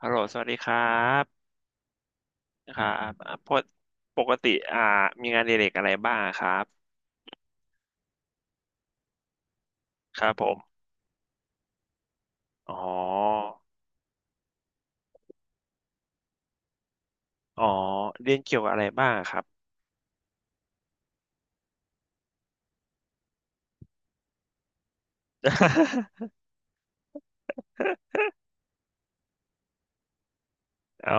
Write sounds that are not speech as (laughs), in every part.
ฮัลโหลสวัสดีครับครับอ่าปกปกติอ่ามีงานอดิเรกอะไรบ้างครับครับผมอ๋ออ๋อเรียนเกี่ยวกับอะไรบ้างครับ (laughs) อ๋อ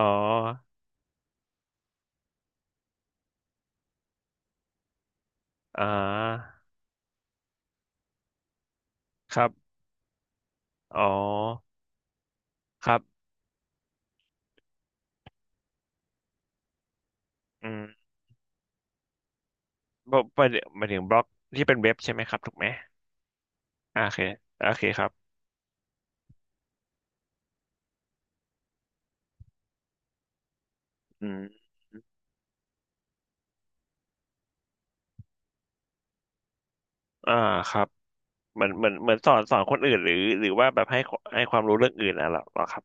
อ่าครับอ๋อครับอืมบล็อกหมายถึงบล็อกที่เป็นเว็บใช่ไหมครับถูกไหมอ่าโอเคโอเคครับอืมอ่าครับเหมือนสอนคนอื่นหรือหรือว่าแบบให้ให้ความรู้เรื่องอื่นอ่ะเหรอครับ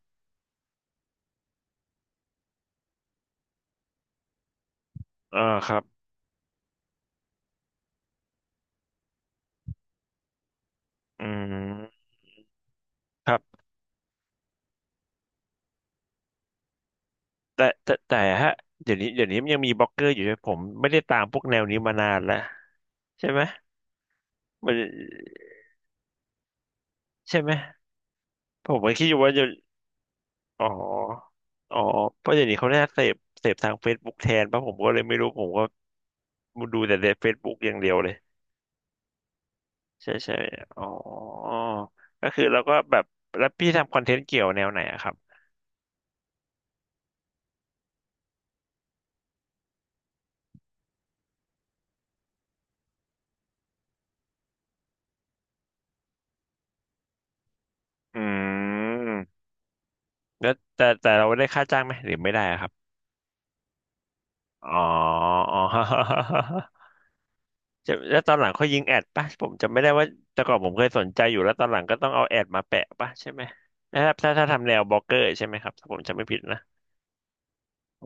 อ่าครับอืมครับ แต่ฮะเดี๋ยวนี้มันยังมีบล็อกเกอร์อยู่ใช่ไหมผมไม่ได้ตามพวกแนวนี้มานานแล้วใช่ไหมมันใช่ไหมผมก็คิดอยู่ว่าจะอ๋ออ๋อเพราะเดี๋ยวนี้เขาน่าเสพทางเฟซบุ๊กแทนป่ะผมก็เลยไม่รู้ผมก็ดูแต่ในเฟซบุ๊กอย่างเดียวเลยใช่ใช่อ๋อก็คือเราก็แบบแล้วพี่ทำคอนเทนต์เกี่ยวแนวไหนอะครับอืมแล้วแต่แต่เราได้ค่าจ้างไหมหรือไม่ได้อะครับอ๋ออ๋อ (laughs) จะแล้วตอนหลังเขายิงแอดป่ะผมจำไม่ได้ว่าแต่ก่อนผมเคยสนใจอยู่แล้วตอนหลังก็ต้องเอาแอดมาแปะป่ะใช่ไหมนะครับถ้าทำแนวบล็อกเกอร์ใช่ไหมครับถ้าผมจำไม่ผิดนะ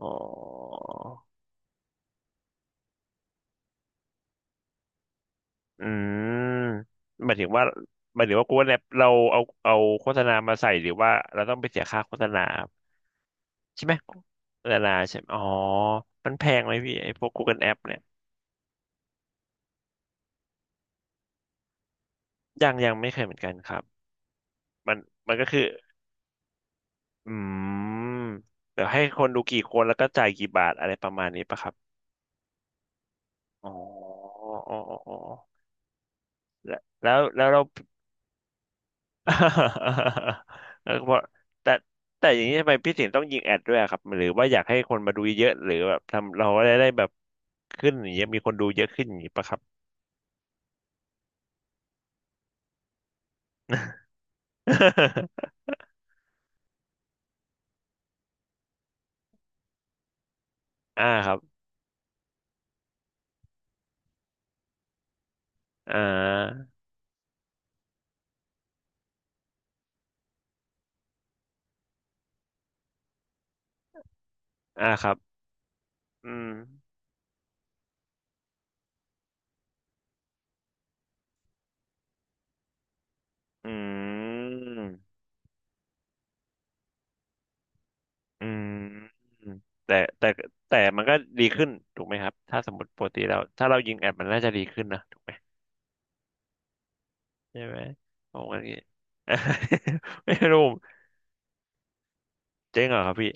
อ๋ออืมหมายถึงว่ากูว่าแรปเราเอาโฆษณามาใส่หรือว่าเราต้องไปเสียค่าโฆษณาครับใช่ไหมโฆษณาใช่ไหมอ๋อมันแพงไหมพี่ไอ้พวก Google App เนี่ยยังไม่เคยเหมือนกันครับมันมันก็คืออืมเดี๋ยวให้คนดูกี่คนแล้วก็จ่ายกี่บาทอะไรประมาณนี้ปะครับ อ๋ออ๋ออ๋อแล้วเรา (laughs) แล้วก็บอกแต่แต่อย่างนี้ทำไมพี่ถึงต้องยิงแอดด้วยอะครับหรือว่าอยากให้คนมาดูเยอะๆหรือแบบทำเราได้แบบขึ้นอย่างเงี้ยมีคนดูเยอะขึ้นอย่างงี้ปะครับ (laughs) อ่าครับอ่าอ่าครับอืมอืมอืมแต่แต่แต่มันก็ดีขึ้นถูกไหมครับถ้าสมมติปกติเราถ้าเรายิงแอดมันน่าจะดีขึ้นนะ ใช่ไหมผมก็อย่างงี้ (laughs) ไม่รู้ผมเจ๊งเหรอครับพี่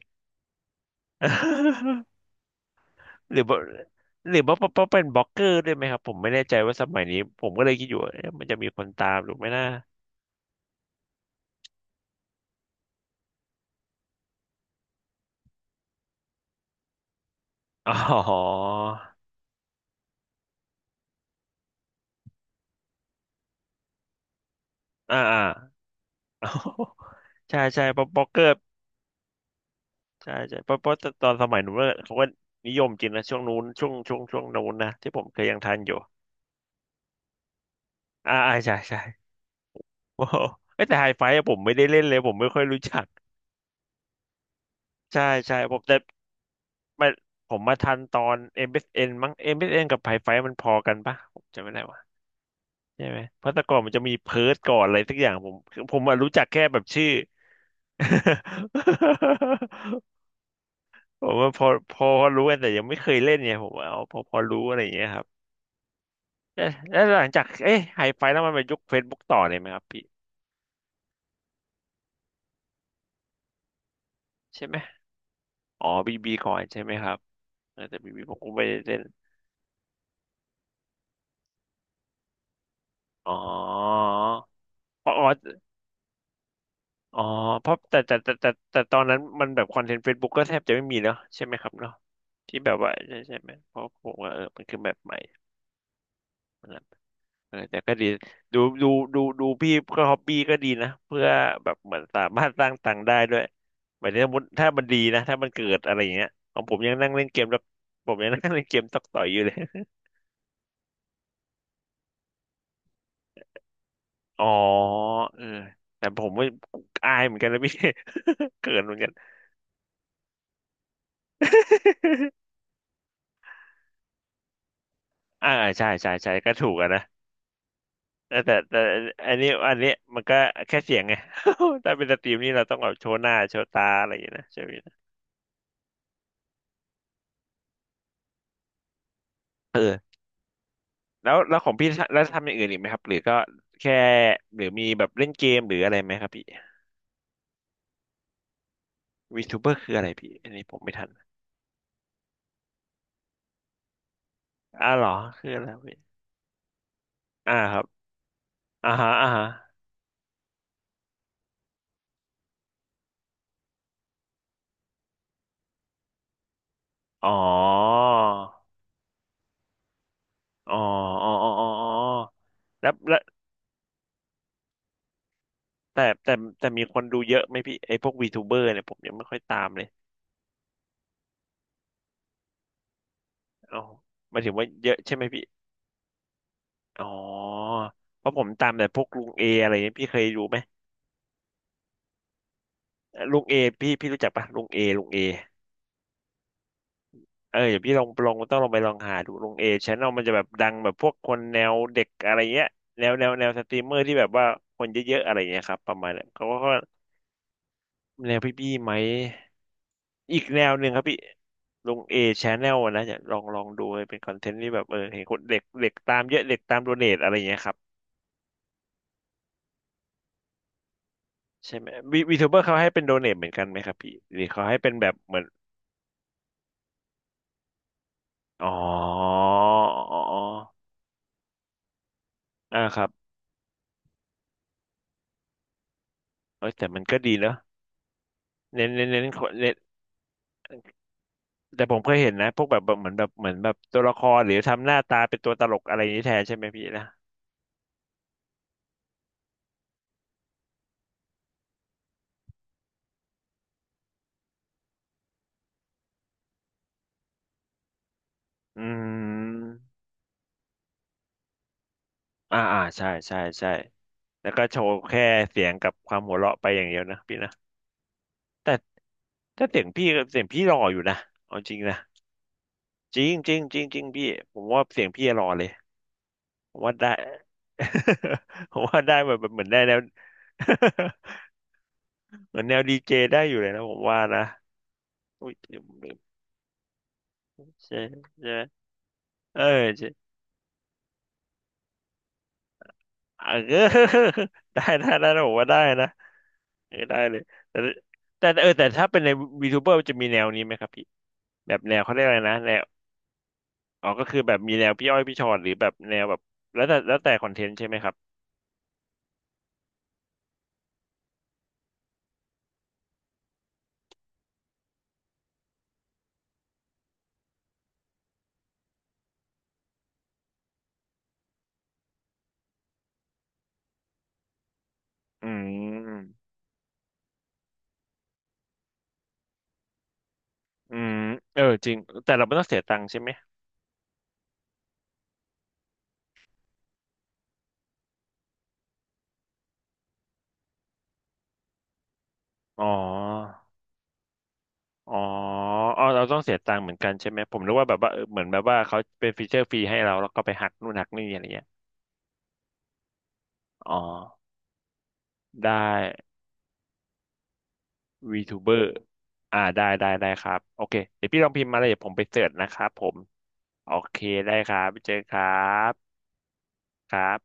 (laughs) หรือว่าเพราะเป็นบล็อกเกอร์ด้วยไหมครับผมไม่แน่ใจว่าสมัยนี้ผมก็เลยคิดอยู่ว่าเอ๊ะมันจะมีคนตามหรือไม่น่าอ๋ออ่าอ่า (laughs) ใช่ใช่เพราะบล็อกเกอร์ใช่ใช่เพราะตอนสมัยนู้นเนี่ยเขาก็นิยมจริงนะช่วงนู้นช่วงนู้นนะที่ผมเคยยังทันอยู่อ่าอ่าใช่ใช่ (laughs) โอ้โหเอ้ยแต่ไฮไฟอะผมไม่ได้เล่นเลยผมไม่ค่อยรู้จักใช่ใช่ผมแต่ ไม่ผมมาทันตอน อ็มเอสเอ็นมั้งเอ s n กับไฮไฟมันพอกันปะผมจำไม่ได้ว่ะใช่ไหมเพราะแต่ก่อนมันจะมีเพิร์ทก่อนอะไรสักอย่างผมคือผมอะรู้จักแค่แบบชื่อ (laughs) ผมว่าพอรู้กันแต่ยังไม่เคยเล่นไงผมว่าเอาพอรู้อะไรอย่างเงี้ยครับเอ๊ะแล้วหลังจากเอ๊ะไฮไฟแล้วมันไปยุคเฟซบุ๊กต่อเลยไหมครับพี่ใช่ไหมอ๋อบีบีก่อนใช่ไหมครับเออแต่บีบีผมก็ไม่ได้เล่นอ๋ออ๋อ อ๋อเพราะแต่แต่แต่แต่แต่ตอนนั้นมันแบบคอนเทนต์เฟซบุ๊กก็แทบจะไม่มีแล้วใช่ไหมครับเนาะที่แบบว่าใช่ใช่ไหมเพราะผมว่าเออมันคือแบบใหม่มันแบบเออแต่ก็ดีดูดูดูพี่ก็ฮอบบี้ก็ดีนะเพื่อแบบเหมือนสามารถสร้างตังค์ได้ด้วยหมายถึงสมมติถ้ามันดีนะถ้ามันเกิดอะไรอย่างเงี้ยของผมยังนั่งเล่นเกมแล้วผมยังนั่งเล่นเกมตอกต่อยอยู่เลย (laughs) อ๋อเออแต่ผมไม่อายเหมือนกันนะพี่ (laughs) เขินเหมือนกัน (laughs) อ่าใช่ใช่ใช่ก็ถูกอะนะ แต่อันนี้มันก็แค่เสียงไง (laughs) ถ้าเป็นสตรีมนี่เราต้องแบบโชว์หน้าโชว์ตาอะไรอย่างเงี้ยนะใช่ไหมนะเออแล้วของพี่แล้วทำอย่างอื่นอีกไหมครับหรือก็แค่หรือมีแบบเล่นเกมหรืออะไรไหมครับพี่วีทูเบอร์คืออะไรพี่อันนี้ผมไม่ทันอ่าวเหรอคืออะไรพี่อ่าครับอ่าฮะอ่าฮะอ๋ออ๋ออ๋ออ๋ออ๋ออ๋อแล้วแต่แต่แต่มีคนดูเยอะไหมพี่ไอ้พวกวีทูเบอร์เนี่ยผมยังไม่ค่อยตามเลยอ๋อหมายถึงว่าเยอะใช่ไหมพี่ อ๋อเพราะผมตามแต่พวกลุงเออะไรเงี้ยพี่เคยรู้ไหมลุงเอพี่รู้จักปะลุงเอลุงเอเออเดี๋ยวพี่ลองลองต้องลองไปลองหาดูลุงเอชแนลมันจะแบบดังแบบพวกคนแนวเด็กอะไรเงี้ยแนวสตรีมเมอร์ที่แบบว่าคนเยอะๆอะไรเงี้ยครับประมาณเนี้ยเขาก็แนวพี่ไหมอีกแนวหนึ่งครับพี่ลุงเอชแนลนะจะลองลองดูเป็นคอนเทนต์ที่แบบเออเห็นคนเด็กเด็กตามเยอะเด็กตามโดเนทอะไรเงี้ยครับใช่ไหมวีทูเบอร์เขาให้เป็นโดเน a เหมือนกันไหมครับพี่หรือเขาให้เป็นแบบเหมือน อ๋ออ๋ออ๋ออ่าครับเอ้ยแต่มันก็ดีเนอะเน้นคนเน้นแต่ผมเคยเห็นนะ พวกแบบเหมือนแบบตัวละครหรือทำหน้าตาเป็นตัวตลกอะไรอย่างนี้แทนใช่ไหมพี่นะอืมอ่าอ่าใช่ใช่ใช่แล้วก็โชว์แค่เสียงกับความหัวเราะไปอย่างเดียวนะพี่นะแต่ถ้าเสียงพี่หล่ออยู่นะเอาจริงนะจริงจริงจริงจริงพี่ผมว่าเสียงพี่หล่อเลยผมว่าได้ (laughs) ผมว่าได้แบบเหมือนได้แล้ว (laughs) เหมือนแนวดีเจได้อยู่เลยนะผมว่านะอุ้ยใช่ใช่ไหมเออใช่เออ (laughs) ได้ได้ได้นะผมว่าได้นะเออได้เลยแต่แต่เออแต่ถ้าเป็นในวีทูเบอร์จะมีแนวนี้ไหมครับพี่แบบแนวเขาเรียกอะไรนะแนวอ๋อก็คือแบบมีแนวพี่อ้อยพี่ชอนหรือแบบแนวแบบแล้วแต่คอนเทนต์ใช่ไหมครับอืมอืมเออจริงแต่เราไม่ต้องเสียตังค์ใช่ไหมอ๋อ อ๋ออ๋อเราต้องเสียตังค์เหมือนกันใช่ไหม ผมนึกว่าแบบว่าเออเหมือนแบบว่าเขาเป็นฟีเจอร์ฟรีให้เราแล้วก็ไปหักนู่นหักนี่อะไรเงี้ยอ๋อได้ VTuber อ่าได้ได้ ได้ครับโอเคเดี๋ยวพี่ลองพิมพ์มาเลยเดี๋ยวผมไปเสิร์ชนะครับผม โอเคได้ครับเจอครับ ครับ